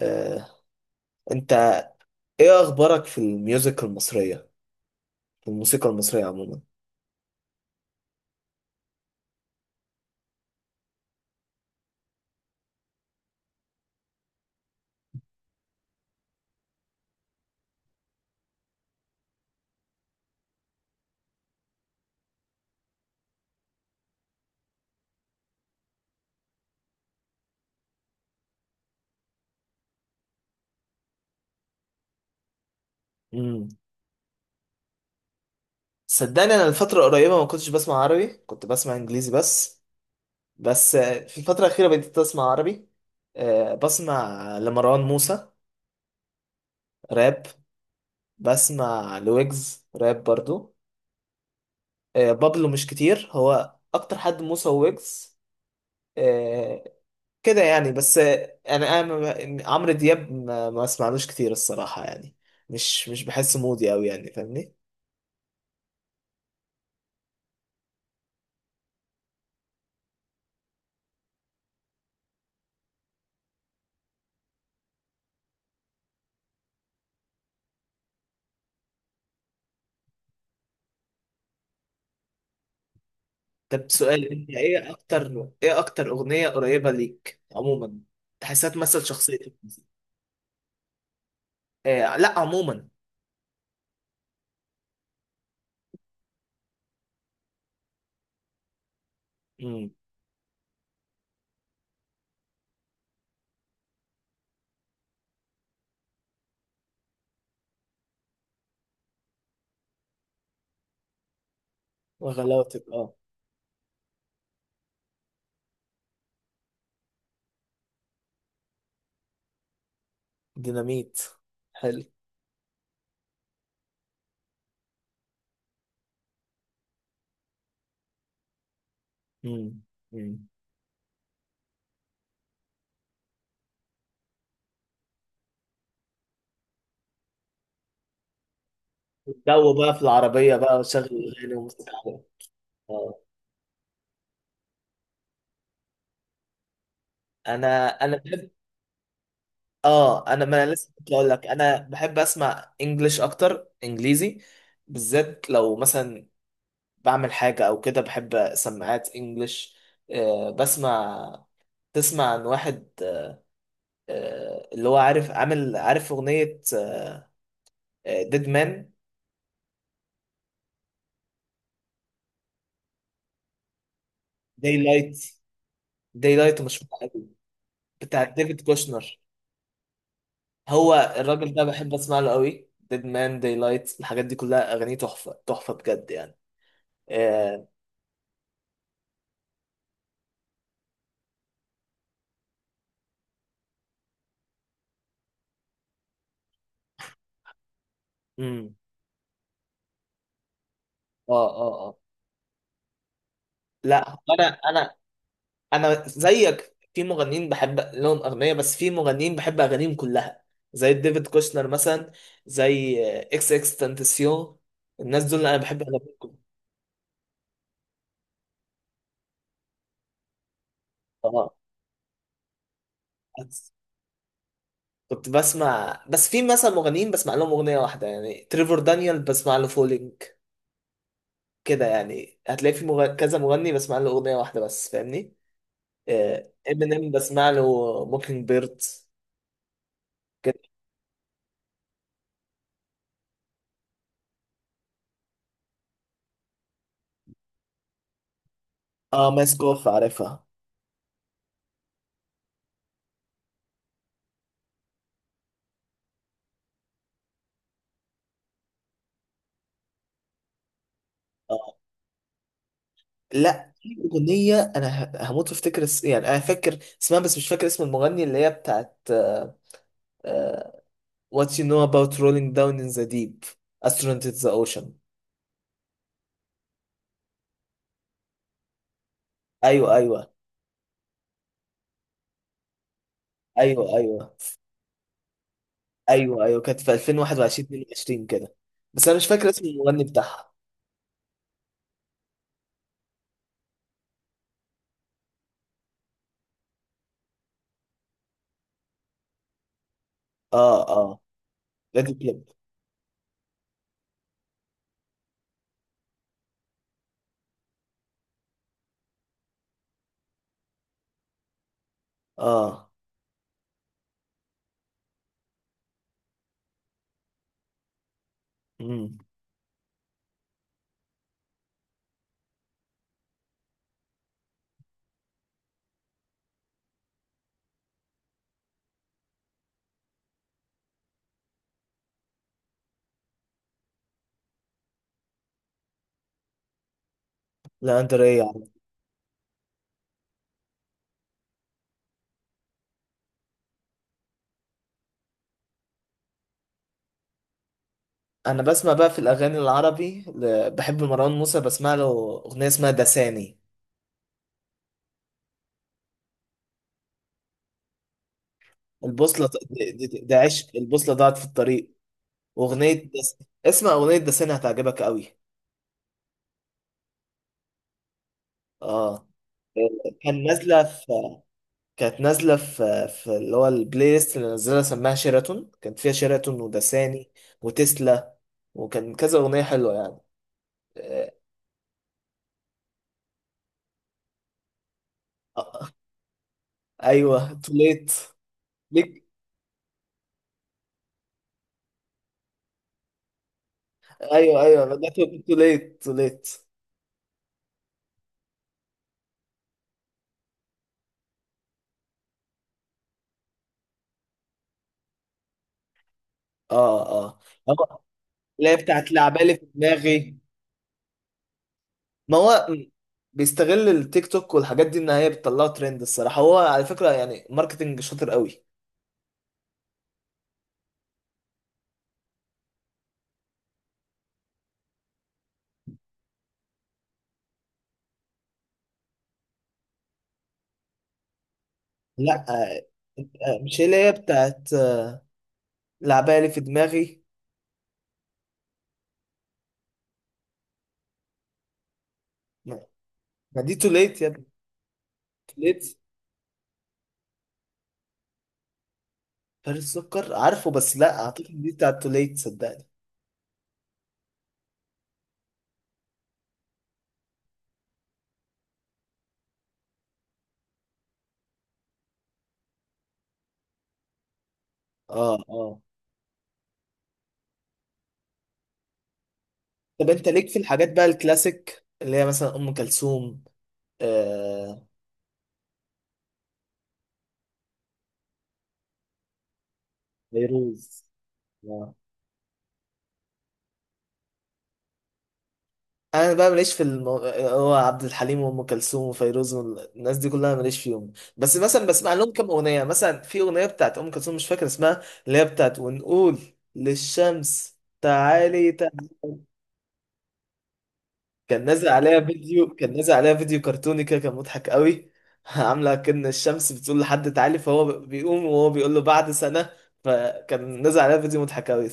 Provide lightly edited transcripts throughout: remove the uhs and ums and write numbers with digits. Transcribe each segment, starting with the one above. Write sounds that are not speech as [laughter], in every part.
آه، انت ايه اخبارك في الميوزك المصريه في الموسيقى المصريه عموما. امم صدقني انا الفتره القريبه ما كنتش بسمع عربي، كنت بسمع انجليزي بس. بس في الفتره الاخيره بديت اسمع عربي. بسمع لمروان موسى، راب. بسمع لويجز راب برضو. بابلو مش كتير، هو اكتر حد موسى وويجز. آه، كده يعني بس يعني انا عمرو دياب ما اسمعلوش كتير الصراحه يعني. مش بحس مودي قوي يعني فاهمني؟ طب سؤال، انت ايه اكتر ايه اكتر اغنيه قريبه ليك عموما، تحسها تمثل شخصيتك؟ إيه لا عموما. امم وغلاوتك اه. ديناميت، حلو. امم امم الجو بقى في العربيه بقى وشغل، اغاني ومستقبل. اه انا بحب. اه انا ما انا لسه كنت اقول لك انا بحب اسمع انجليش اكتر، انجليزي بالذات لو مثلا بعمل حاجه او كده، بحب سماعات انجليش. آه بسمع. تسمع عن واحد آه اللي هو عارف عامل عارف اغنيه ديد مان؟ داي لايت، داي لايت مشهوره قوي، بتاعت ديفيد كوشنر. هو الراجل ده بحب اسمع له قوي، ديد مان، داي لايت، الحاجات دي كلها اغانيه تحفه تحفه بجد يعني. اه. امم. اه اه آه. لا انا انا زيك، في مغنيين بحب لهم اغنيه بس في مغنيين بحب اغانيهم كلها، زي ديفيد كوشنر مثلا، زي اكس اكس تنتسيون، الناس دول انا بحب اغانيهم كلها. اه. بس- كنت بسمع، بس في مثلا مغنيين بسمع لهم اغنيه واحده، يعني تريفور دانيال بسمع له فولينج، كده يعني هتلاقي في كذا مغني بسمع له اغنيه واحده بس فاهمني؟ امينيم بسمع له موكينج بيرد كده. اه، ماسكوف عارفها. آه. لا في اغنيه انا هموت وافتكر يعني انا فاكر اسمها بس مش فاكر اسم المغني، اللي هي بتاعت آه، What you know about rolling down in the deep, astronaut in the ocean. ايوه ايوه. ايوه ايوه. ايوه ايوه، كانت في 2021 22 كده، بس انا مش فاكر اسم المغني بتاعها. اه اه. لادي كليب. اه. امم. لا انت رايق يا عم. انا بسمع بقى في الاغاني العربي بحب مروان موسى، بسمع له اغنيه اسمها دساني. البوصلة ده عشق، البوصلة ضاعت في الطريق. اغنيه دس... اسمع اغنيه دسين هتعجبك قوي. اه كان نازله في. كانت نازله في اللي هو البلاي ليست اللي نزلها سماها شيراتون، كانت فيها شيراتون ودساني وتسلا، وكان كذا اغنيه حلوه يعني. آه، آه، ايوه تو ليت. ليك. ايوه ايوه، تو ليت تو ليت. اه اه. هو- اللي هي بتاعت لعبالي في دماغي. ما هو بيستغل التيك توك والحاجات دي، ان هي بتطلعه ترند، الصراحه هو على فكره يعني ماركتنج شاطر قوي. لا مش هي، اللي هي بتاعت لعبالي في دماغي. ما ما دي توليت يا ابني. توليت، فارس سكر عارفه بس لا اعتقد دي بتاعت توليت صدقني. اه اه. طب انت ليك في الحاجات بقى الكلاسيك، اللي هي مثلا ام كلثوم؟ آه. فيروز. آه، انا بقى ماليش في هو عبد الحليم وام كلثوم وفيروز والناس دي كلها ماليش فيهم، بس مثلا بسمع لهم كام اغنيه، مثلا في اغنيه بتاعت ام كلثوم مش فاكر اسمها اللي هي بتاعت ونقول للشمس تعالي تعالي. كان نازل عليها فيديو، كان نازل عليها فيديو كرتوني كده كان مضحك قوي [laughs] عامله كأن الشمس بتقول لحد تعالي، فهو بيقوم وهو بيقول له بعد سنه، فكان نازل عليها فيديو مضحك قوي.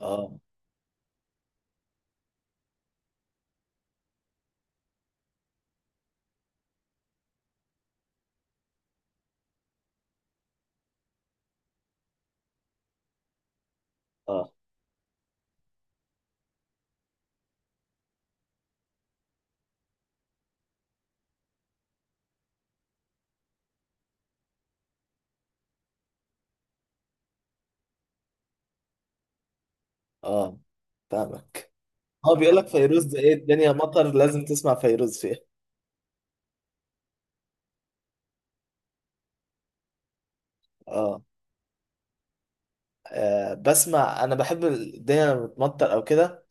اه اه اه. فاهمك. هو بيقول لك فيروز ده ايه، الدنيا مطر لازم تسمع فيروز فيها. اه. بسمع، انا بحب الدنيا لما بتمطر او كده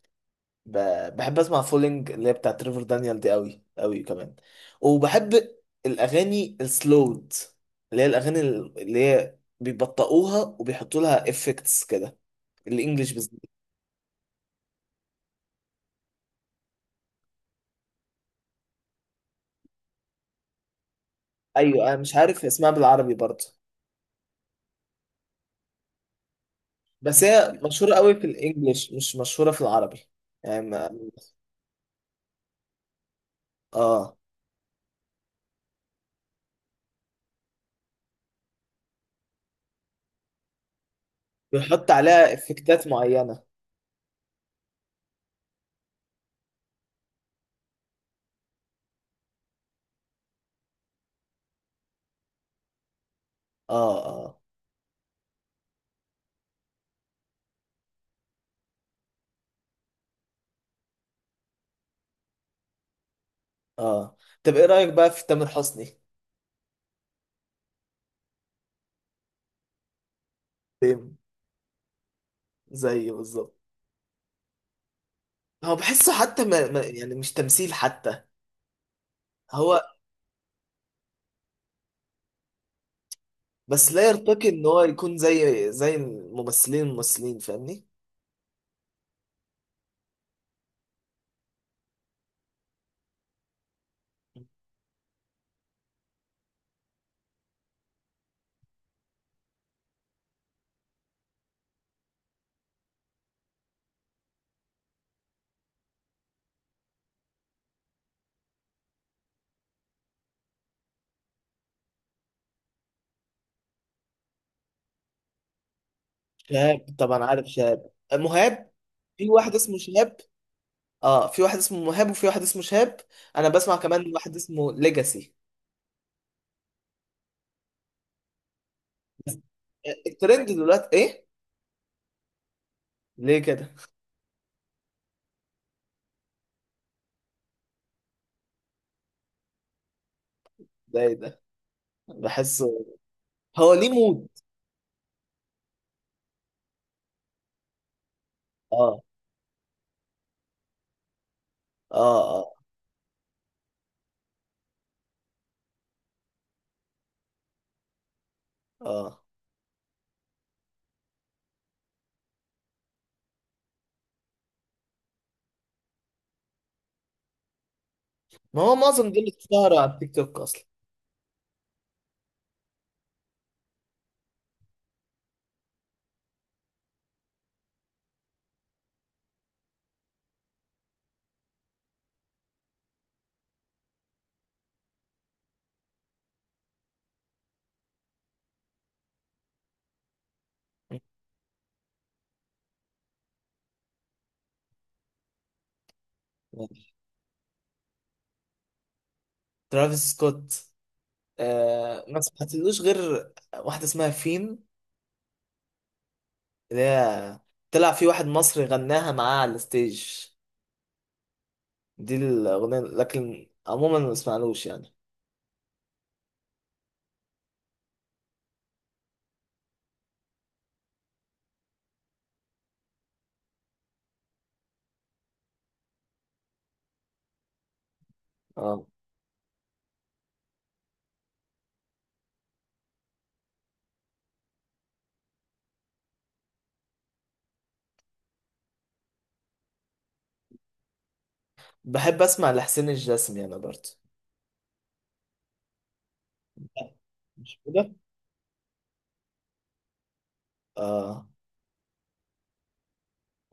بحب اسمع فولينج اللي هي بتاعت ريفر دانيال دي، قوي قوي كمان. وبحب الاغاني السلود، اللي هي الاغاني اللي هي بيبطئوها وبيحطوا لها افكتس كده، الانجليش بالذات. ايوه انا مش عارف اسمها بالعربي برضه. بس هي مشهوره قوي في الانجليش، مش مشهوره في العربي، يعني اه بيحط عليها افكتات معينه. اه اه اه. طب ايه رأيك بقى في تامر حسني؟ سيم، زي بالظبط. هو بحسه حتى يعني مش تمثيل حتى. هو بس لا يرتقي ان هو يكون زي الممثلين الممثلين فاهمني؟ شهاب طبعا عارف، شهاب مهاب. في واحد اسمه شهاب. اه في واحد اسمه مهاب وفي واحد اسمه شهاب. انا بسمع كمان واحد اسمه ليجاسي. آه، الترند دلوقتي ايه؟ ليه كده؟ ده ايه ده، بحسه. هو ليه مود. اه اه اه اه. ما هو معظم دول اتشهروا على التيك توك اصلا. ماشي. ترافيس سكوت، آه ما سمعتلوش غير واحده اسمها فين، اللي هي طلع في واحد مصري غناها معاه على الستيج. دي الاغنيه، لكن عموما ما سمعلوش يعني. اه. بحب اسمع لحسين الجسمي انا برضه. لا، مش كده. اه.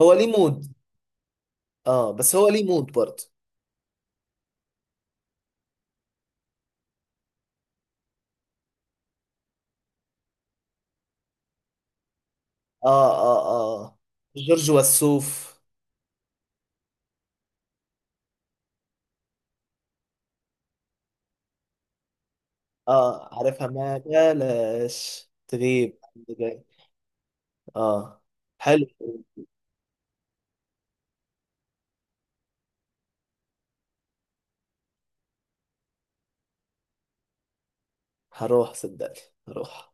هو ليه مود. اه بس هو ليه مود برضه. اه اه اه. جورج وسوف. اه عارفها، ما بلاش تغيب. اه، حلو. هروح صدقني، هروح.